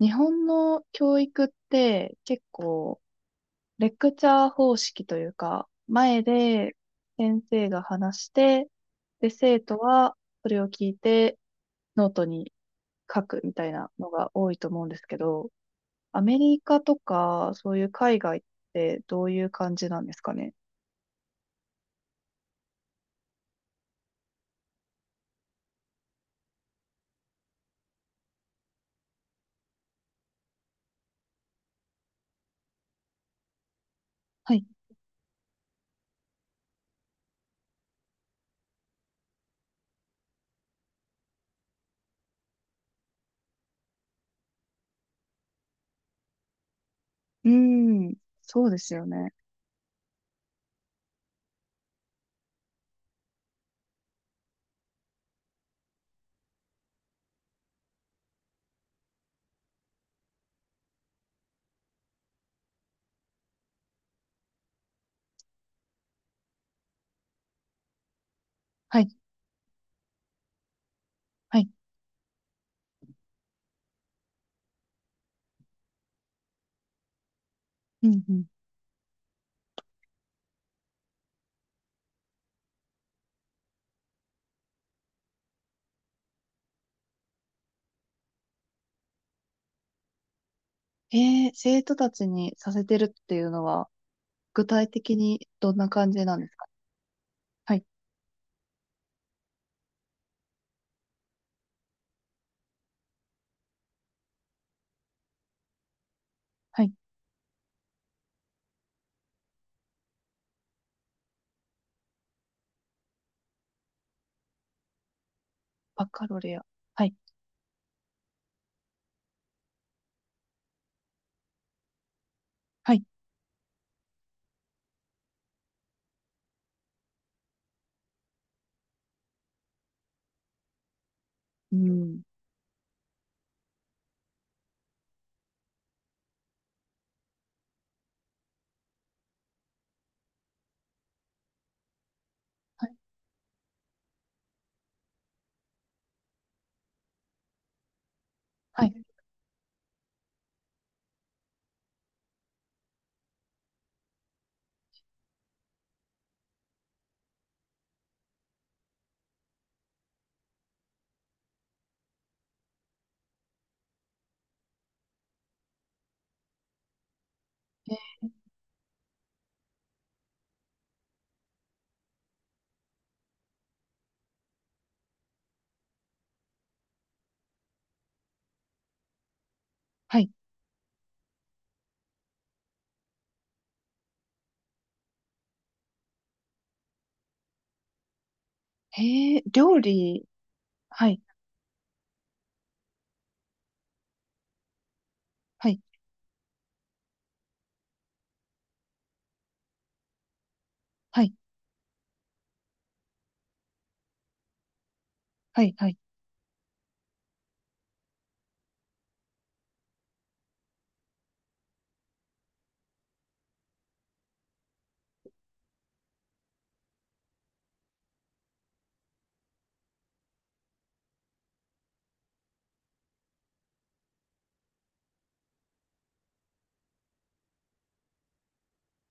日本の教育って結構レクチャー方式というか、前で先生が話して、で、生徒はそれを聞いてノートに書くみたいなのが多いと思うんですけど、アメリカとかそういう海外ってどういう感じなんですかね。はい。うーん。そうですよね。はい。はい。うんうん。生徒たちにさせてるっていうのは具体的にどんな感じなんですか？はい。はいバカロレア。はい。はい。うん。はい。はい。えーはい。へえ、料理。はい。はい。はい。はい。はい。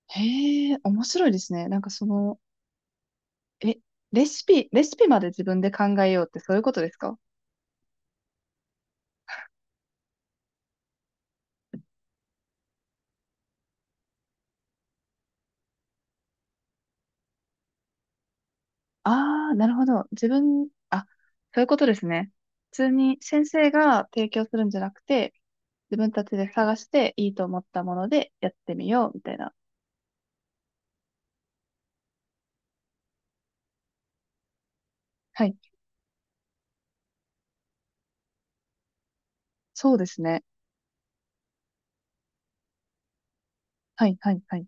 へえ、面白いですね。え、レシピ、レシピまで自分で考えようってそういうことですか？ああー、なるほど。自分、あ、そういうことですね。普通に先生が提供するんじゃなくて、自分たちで探していいと思ったものでやってみよう、みたいな。はい。そうですね。はい、はい、はい。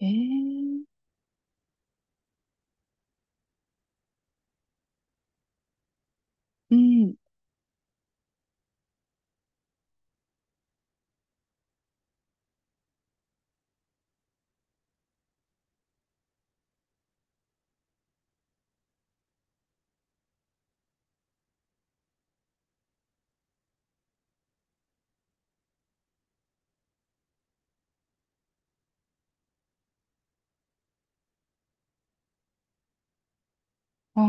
ええ、うん。ああ。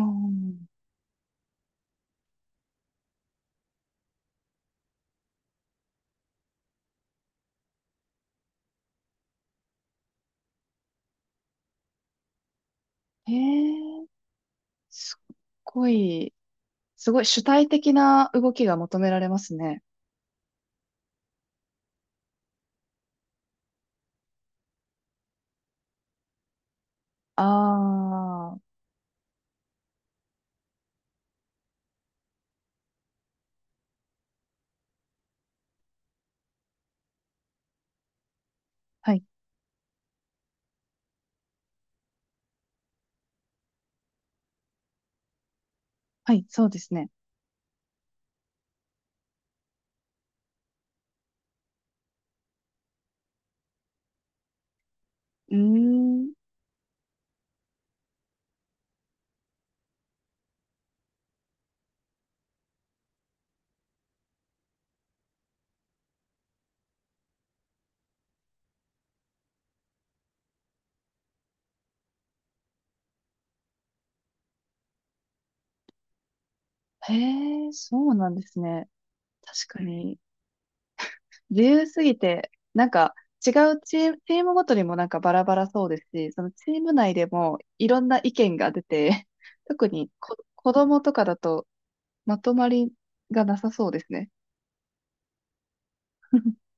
へえ、すっごい、すごい主体的な動きが求められますね。ああ、はい、はい、そうですね。うーん、へえ、そうなんですね。確かに、自由すぎて、なんか、違うチーム、チームごとにもなんかバラバラそうですし、そのチーム内でもいろんな意見が出て、特にこ、子供とかだとまとまりがなさそうですね。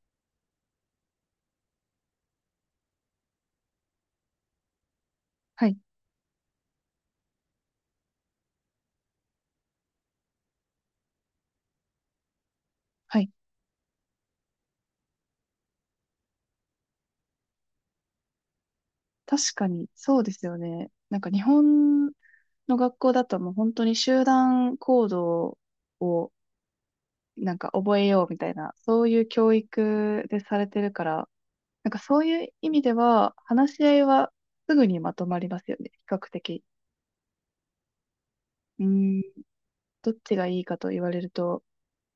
はい、はい。確かに、そうですよね。なんか日本の学校だともう本当に集団行動をなんか覚えようみたいな、そういう教育でされてるから、なんかそういう意味では話し合いはすぐにまとまりますよね、比較的。うーん、どっちがいいかと言われると、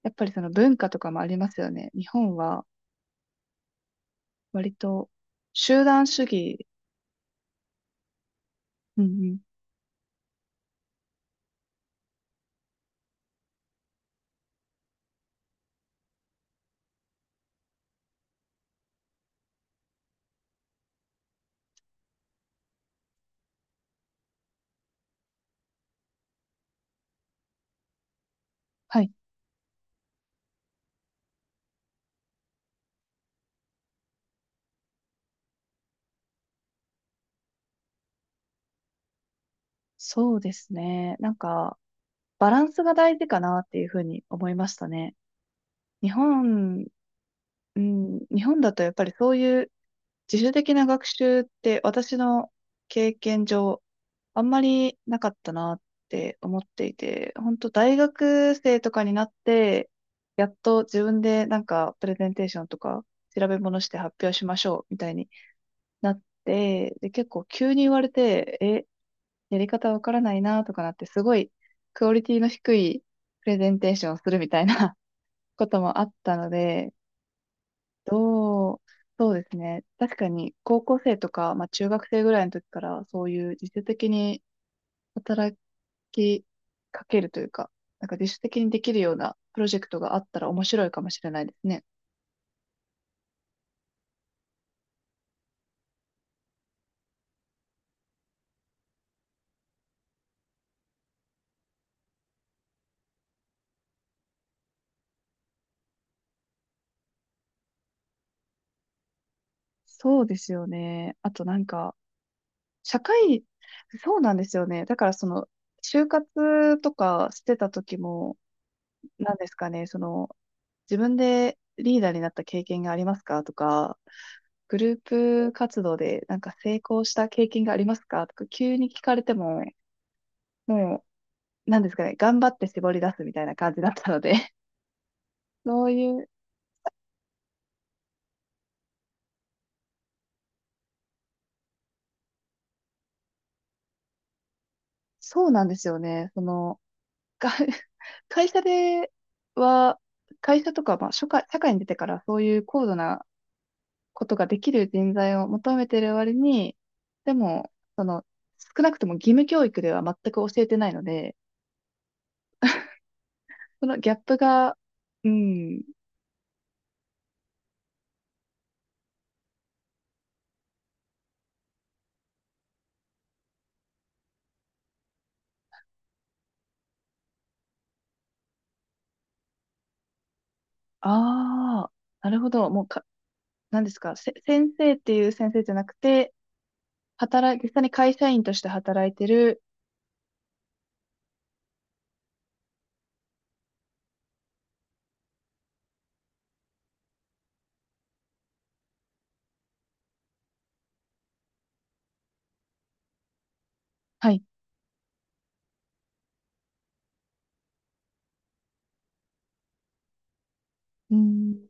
やっぱりその文化とかもありますよね。日本は割と集団主義。うんうん。はい。そうですね。なんか、バランスが大事かなっていうふうに思いましたね。日本、うん、日本だとやっぱりそういう自主的な学習って私の経験上あんまりなかったなって思っていて、本当大学生とかになってやっと自分でなんかプレゼンテーションとか調べ物して発表しましょうみたいになって、で、結構急に言われて、え、やり方わからないなとかなって、すごいクオリティの低いプレゼンテーションをするみたいな こともあったので、どう、そうですね。確かに高校生とか、まあ中学生ぐらいの時からそういう自主的に働きかけるというか、なんか自主的にできるようなプロジェクトがあったら面白いかもしれないですね。そうですよね。あとなんか、社会、そうなんですよね。だからその、就活とかしてた時も、なんですかね、その、自分でリーダーになった経験がありますかとか、グループ活動でなんか成功した経験がありますかとか、急に聞かれても、もなんですかね、頑張って絞り出すみたいな感じだったので、そういう、そうなんですよね、その、が 会社では、会社とか、まあ、社会に出てからそういう高度なことができる人材を求めてる割に、でも、その、少なくとも義務教育では全く教えてないので、そのギャップが、うん。ああ、なるほど。もうか、何ですか。せ、先生っていう先生じゃなくて、実際に会社員として働いてる。はい。うん。